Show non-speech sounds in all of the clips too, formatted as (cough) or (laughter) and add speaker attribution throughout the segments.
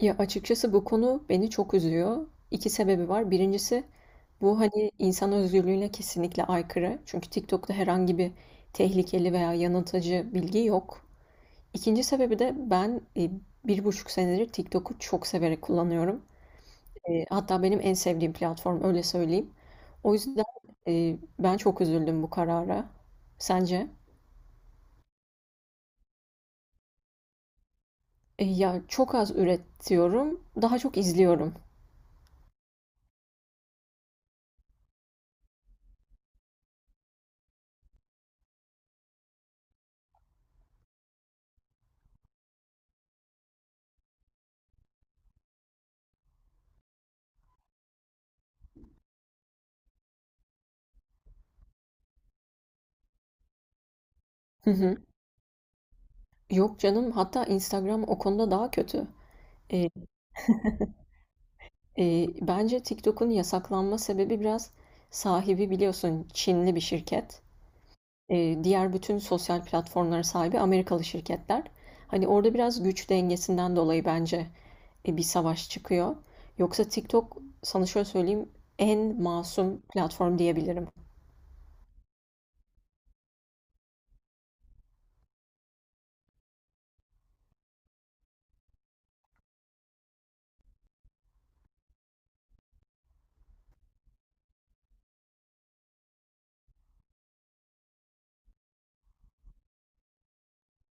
Speaker 1: Ya, açıkçası bu konu beni çok üzüyor. 2 sebebi var. Birincisi bu, hani, insan özgürlüğüne kesinlikle aykırı. Çünkü TikTok'ta herhangi bir tehlikeli veya yanıltıcı bilgi yok. İkinci sebebi de 1,5 senedir TikTok'u çok severek kullanıyorum. Hatta benim en sevdiğim platform, öyle söyleyeyim. O yüzden, ben çok üzüldüm bu karara. Sence? Çok az üretiyorum, daha çok izliyorum. Hı hı. Yok canım, hatta Instagram o konuda daha kötü. Eee, bence TikTok'un yasaklanma sebebi biraz sahibi biliyorsun Çinli bir şirket. Diğer bütün sosyal platformlara sahibi Amerikalı şirketler. Hani orada biraz güç dengesinden dolayı bence bir savaş çıkıyor. Yoksa TikTok sana şöyle söyleyeyim en masum platform diyebilirim.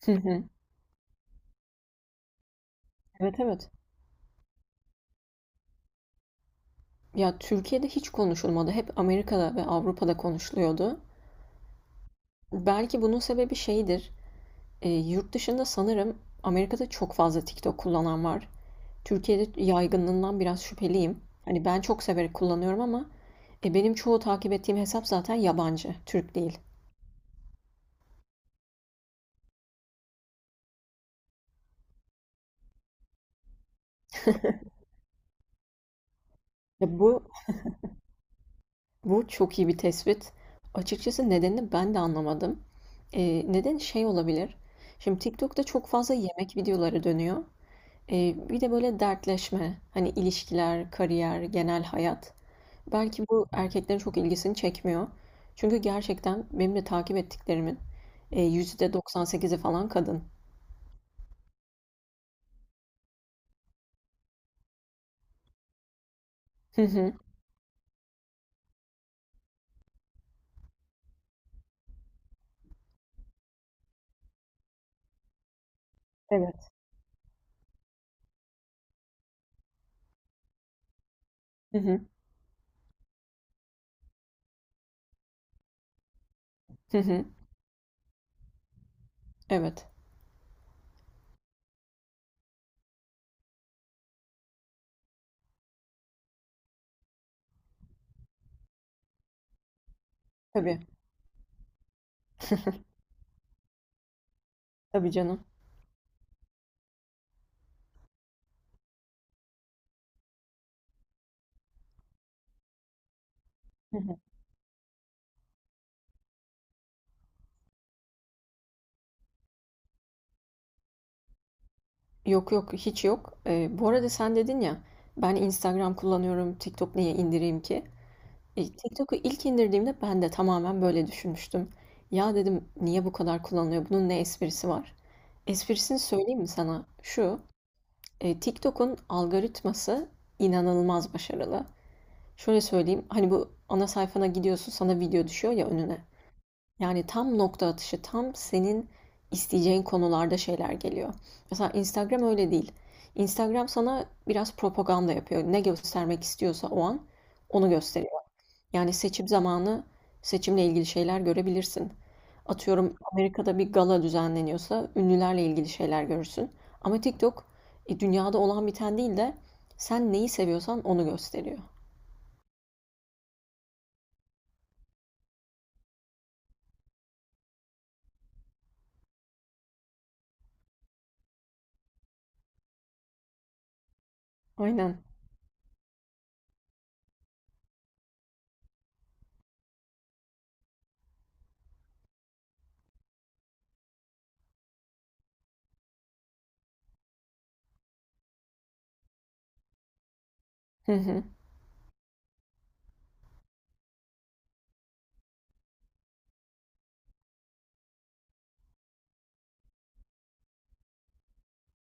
Speaker 1: Hı hı. Evet evet. Ya Türkiye'de hiç konuşulmadı. Hep Amerika'da ve Avrupa'da konuşuluyordu. Belki bunun sebebi şeydir. Yurt dışında sanırım Amerika'da çok fazla TikTok kullanan var. Türkiye'de yaygınlığından biraz şüpheliyim. Hani ben çok severek kullanıyorum ama benim çoğu takip ettiğim hesap zaten yabancı, Türk değil. Ya bu çok iyi bir tespit. Açıkçası nedenini ben de anlamadım. E, neden şey olabilir? Şimdi TikTok'ta çok fazla yemek videoları dönüyor. E, bir de böyle dertleşme, hani ilişkiler, kariyer, genel hayat. Belki bu erkeklerin çok ilgisini çekmiyor. Çünkü gerçekten benim de takip ettiklerimin, %98'i falan kadın. Hı hı. Evet. Hı hı. Hı hı. Evet. Tabii. (laughs) Tabii canım. Hı hı. Yok yok, hiç yok. Bu arada sen dedin ya, ben Instagram kullanıyorum, TikTok niye indireyim ki? E, TikTok'u ilk indirdiğimde ben de tamamen böyle düşünmüştüm. Ya dedim niye bu kadar kullanılıyor? Bunun ne esprisi var? Esprisini söyleyeyim mi sana? Şu, E, TikTok'un algoritması inanılmaz başarılı. Şöyle söyleyeyim, hani bu ana sayfana gidiyorsun, sana video düşüyor ya önüne. Yani tam nokta atışı, tam senin isteyeceğin konularda şeyler geliyor. Mesela Instagram öyle değil. Instagram sana biraz propaganda yapıyor. Ne göstermek istiyorsa o an onu gösteriyor. Yani seçim zamanı seçimle ilgili şeyler görebilirsin. Atıyorum Amerika'da bir gala düzenleniyorsa ünlülerle ilgili şeyler görürsün. Ama TikTok dünyada olan biten değil de sen neyi seviyorsan onu gösteriyor. Aynen. Hı hı.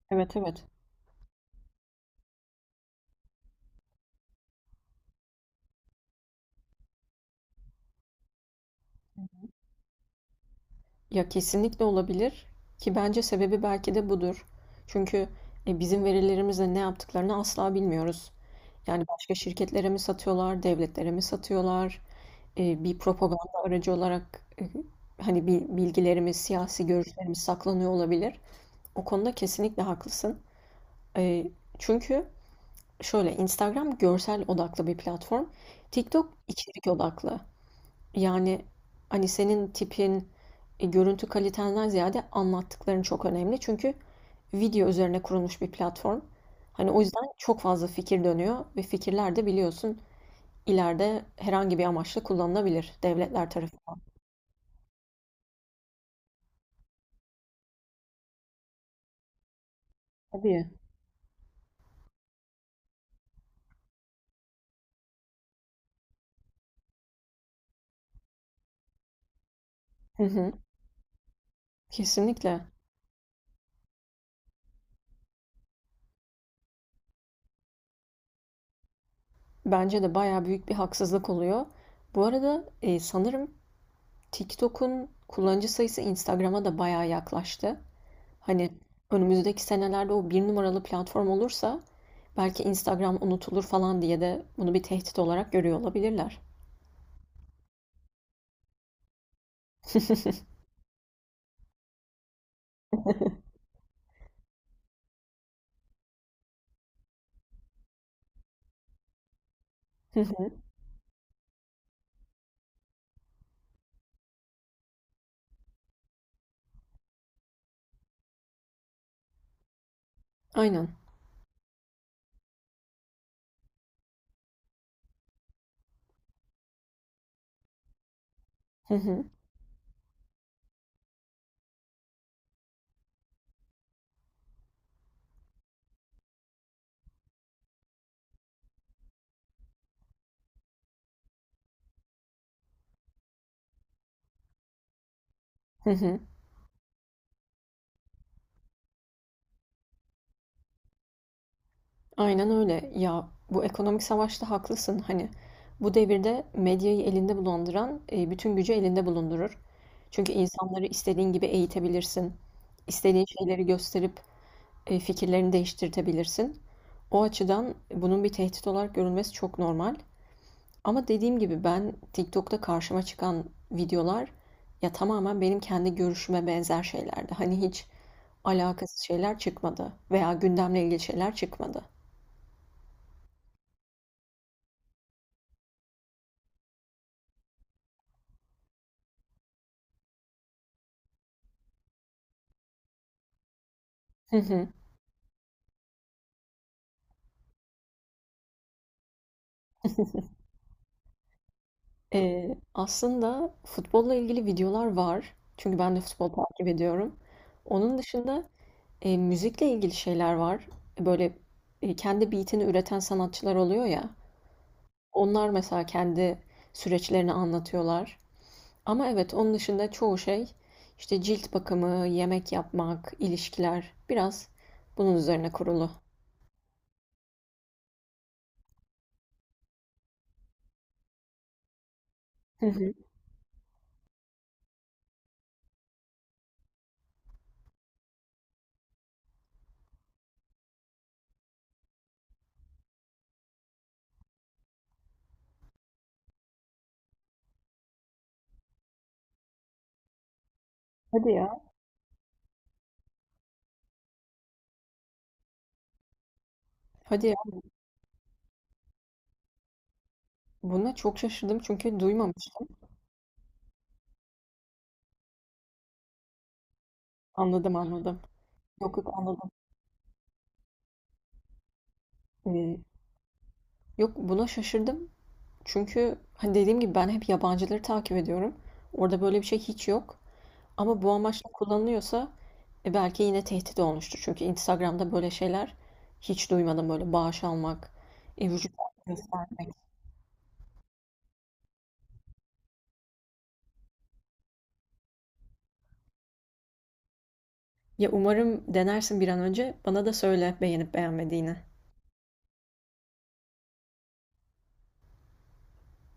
Speaker 1: Evet evet. Ya kesinlikle olabilir ki bence sebebi belki de budur. Çünkü bizim verilerimizle ne yaptıklarını asla bilmiyoruz. Yani başka şirketlere mi satıyorlar, devletlere mi satıyorlar? Bir propaganda aracı olarak hani bir bilgilerimiz, siyasi görüşlerimiz saklanıyor olabilir. O konuda kesinlikle haklısın. E, çünkü şöyle Instagram görsel odaklı bir platform. TikTok içerik odaklı. Yani hani senin tipin, görüntü kalitenden ziyade anlattıkların çok önemli. Çünkü video üzerine kurulmuş bir platform. Hani o yüzden çok fazla fikir dönüyor ve fikirler de biliyorsun ileride herhangi bir amaçla kullanılabilir devletler tarafından. Tabii. Hı hı. Kesinlikle. Bence de bayağı büyük bir haksızlık oluyor. Bu arada sanırım TikTok'un kullanıcı sayısı Instagram'a da bayağı yaklaştı. Hani önümüzdeki senelerde o bir numaralı platform olursa belki Instagram unutulur falan diye de bunu bir tehdit olarak görüyor olabilirler. Hı hı. Aynen. Hı hı. Hı hı. Aynen öyle. Ya bu ekonomik savaşta haklısın. Hani bu devirde medyayı elinde bulunduran bütün gücü elinde bulundurur. Çünkü insanları istediğin gibi eğitebilirsin. İstediğin şeyleri gösterip fikirlerini değiştirtebilirsin. O açıdan bunun bir tehdit olarak görülmesi çok normal. Ama dediğim gibi ben TikTok'ta karşıma çıkan videolar ya tamamen benim kendi görüşüme benzer şeylerdi. Hani hiç alakasız şeyler çıkmadı veya gündemle ilgili şeyler çıkmadı. (laughs) Aslında futbolla ilgili videolar var. Çünkü ben de futbol takip ediyorum. Onun dışında müzikle ilgili şeyler var. Böyle kendi beatini üreten sanatçılar oluyor ya. Onlar mesela kendi süreçlerini anlatıyorlar. Ama evet onun dışında çoğu şey işte cilt bakımı, yemek yapmak, ilişkiler biraz bunun üzerine kurulu. Hı hı. Hadi ya. Hadi ya. Buna çok şaşırdım çünkü duymamıştım. Anladım anladım. Yok yok anladım. Ee, Yok buna şaşırdım. Çünkü hani dediğim gibi ben hep yabancıları takip ediyorum. Orada böyle bir şey hiç yok. Ama bu amaçla kullanılıyorsa belki yine tehdit olmuştur. Çünkü Instagram'da böyle şeyler hiç duymadım. Böyle bağış almak, vücut göstermek. Ya umarım denersin bir an önce. Bana da söyle beğenip beğenmediğini.